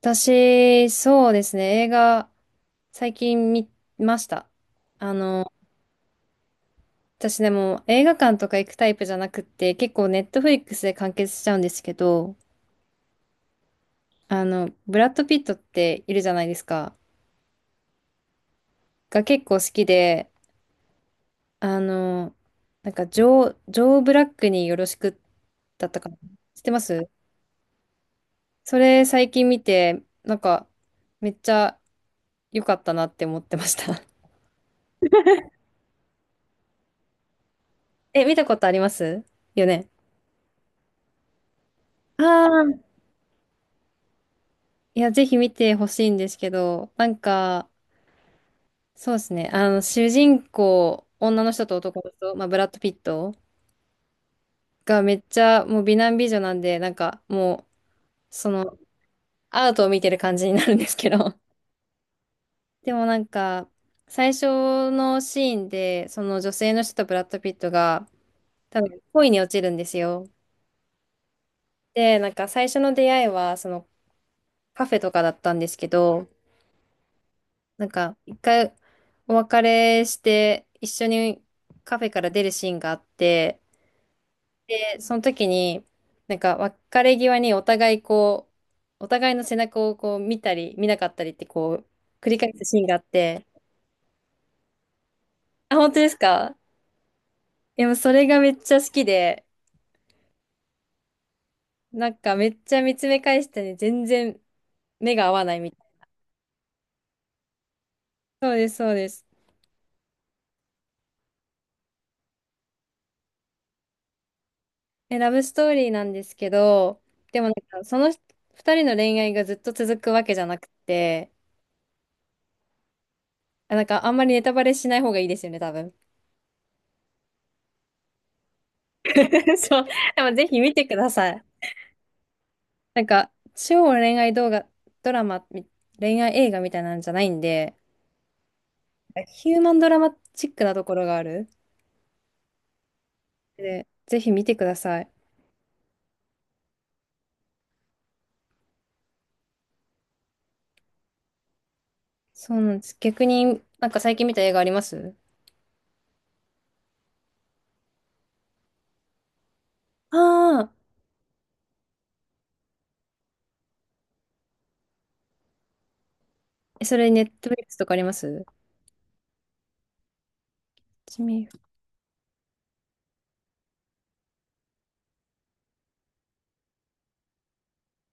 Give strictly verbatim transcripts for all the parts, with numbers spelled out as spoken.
私、そうですね、映画、最近見ました。あの、私でも映画館とか行くタイプじゃなくって、結構ネットフリックスで完結しちゃうんですけど、あの、ブラッド・ピットっているじゃないですか。が結構好きで、あの、なんか、ジョー、ジョー・ブラックによろしくだったかな。知ってますそれ最近見て、なんか、めっちゃ良かったなって思ってました。え、見たことありますよね。ああ。いや、ぜひ見てほしいんですけど、なんか、そうですね、あの、主人公、女の人と男の人、まあ、ブラッド・ピットがめっちゃもう美男美女なんで、なんかもう、その、アートを見てる感じになるんですけど、でもなんか、最初のシーンで、その女性の人とブラッド・ピットが、多分恋に落ちるんですよ。で、なんか最初の出会いは、その、カフェとかだったんですけど、なんか、一回お別れして、一緒にカフェから出るシーンがあって、で、その時に、なんか、別れ際にお互いこう、お互いの背中をこう見たり、見なかったりってこう、繰り返すシーンがあって、あ、本当ですかでもそれがめっちゃ好きで、なんかめっちゃ見つめ返してね、全然目が合わないみたいな。そうです、そうです。え、ラブストーリーなんですけど、でもなんか、その二人の恋愛がずっと続くわけじゃなくて、なんかあんまりネタバレしない方がいいですよね、多分。そう。でもぜひ見てください。なんか、超恋愛動画、ドラマ、み恋愛映画みたいなんじゃないんで、ヒューマンドラマチックなところがある。で、ぜひ見てください。そうなんです。逆に、なんか最近見た映画ありますああー、えそれネットフリックスとかありますちみ、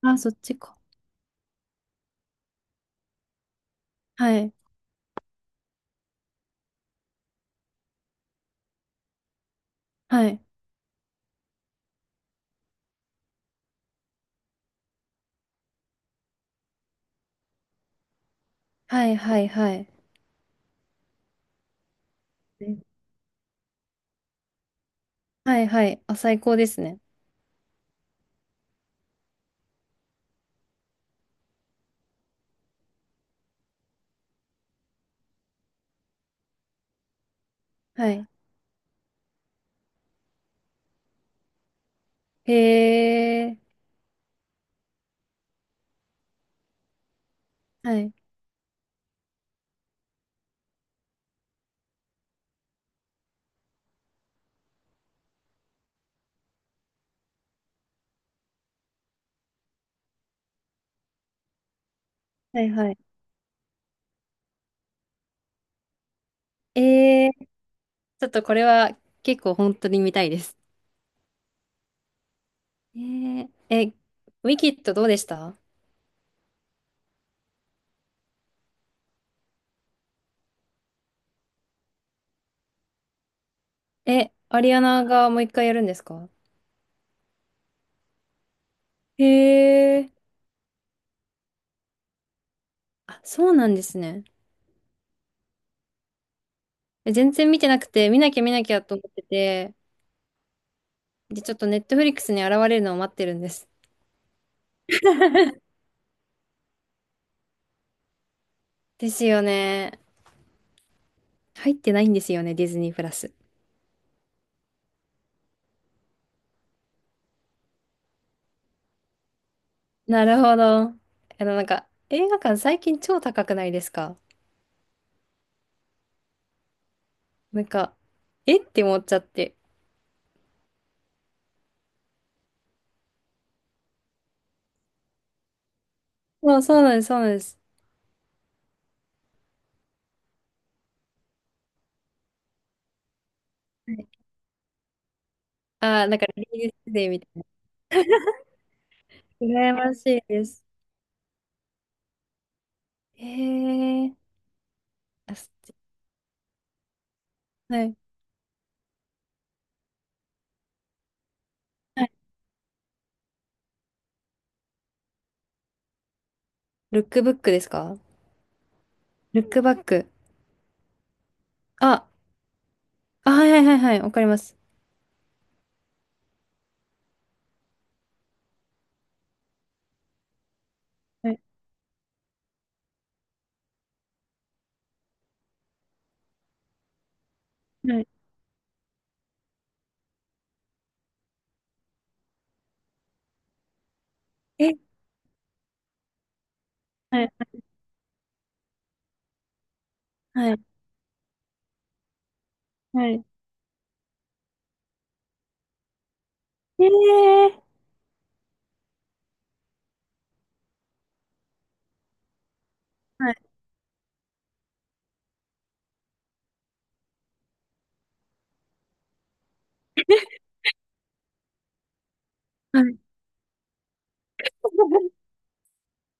あ、そっちか。はい。はい。はい、はい、はい。はい、はい。あ、最高ですね。はい。へえ。はい。はい、はい。えー、ちょっとこれは結構本当に見たいです。えー、え、ウィキッドどうでしたえ、アリアナがもう一回やるんですかへえ。あ、そうなんですね。え全然見てなくて、見なきゃ見なきゃと思ってて、で、ちょっとネットフリックスに現れるのを待ってるんです。ですよね。入ってないんですよね、ディズニープラス。なるほど。あの、なんか、映画館最近超高くないですかなんか、えって思っちゃって。そう、そうなんです、そうなんです。ああ、なんかレディースデーみたいな。羨ましいです。へえ。あ、すはい。はいルックブックですかルックバック。あ、あ、はいはいはいはい。わかります。はい。はい。え、はい。はい。はい。へえー。はい。はい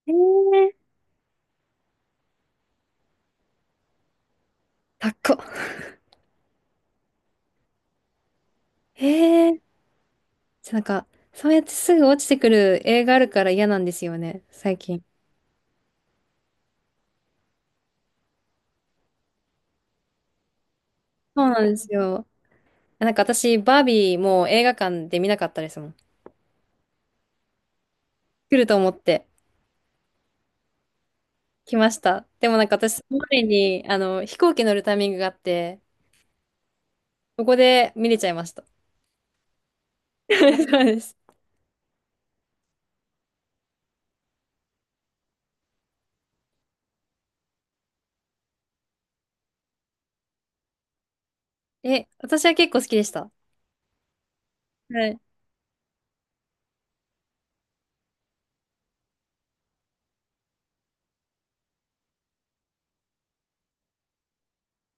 へえー。高っこ。へえー。なんか、そうやってすぐ落ちてくる映画あるから嫌なんですよね、最近。そうなんですよ。なんか私、バービーもう映画館で見なかったですもん。来ると思って。来ました。でもなんか私、その前に、あの、飛行機乗るタイミングがあって、そこで見れちゃいました。そうです。え、私は結構好きでした。はい。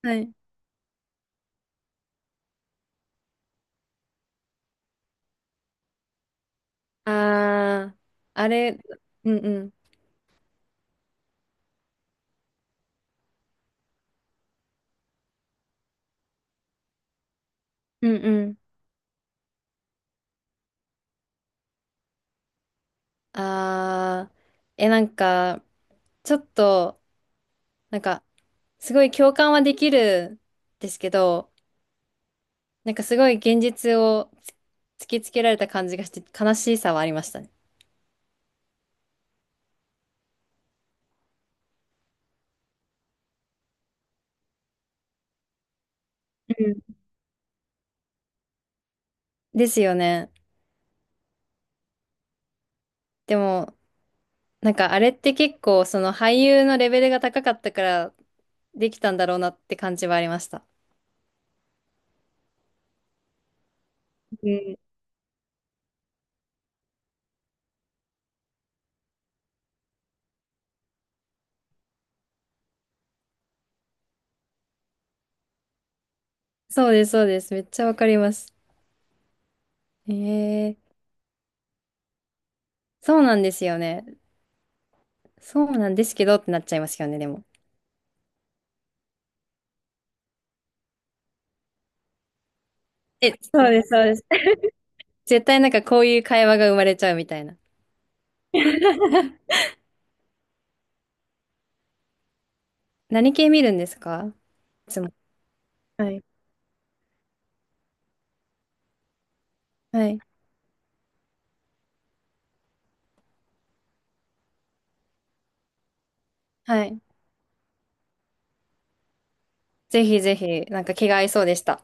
はい。あー、あれ、うんうん。うんうん。あー、え、なんか、ちょっと、なんか、すごい共感はできるんですけど、なんかすごい現実をつ突きつけられた感じがして、悲しさはありましたね。うん。ですよね。でも、なんかあれって結構その俳優のレベルが高かったからできたんだろうなって感じはありました。うんそうです、そうです。めっちゃわかります。ええそうなんですよね。そうなんですけどってなっちゃいますよね、でも。え、そうです、そうです。絶対なんかこういう会話が生まれちゃうみたいな。何系見るんですかいつも。はい。はい。はい。ぜひぜひ、なんか気が合いそうでした。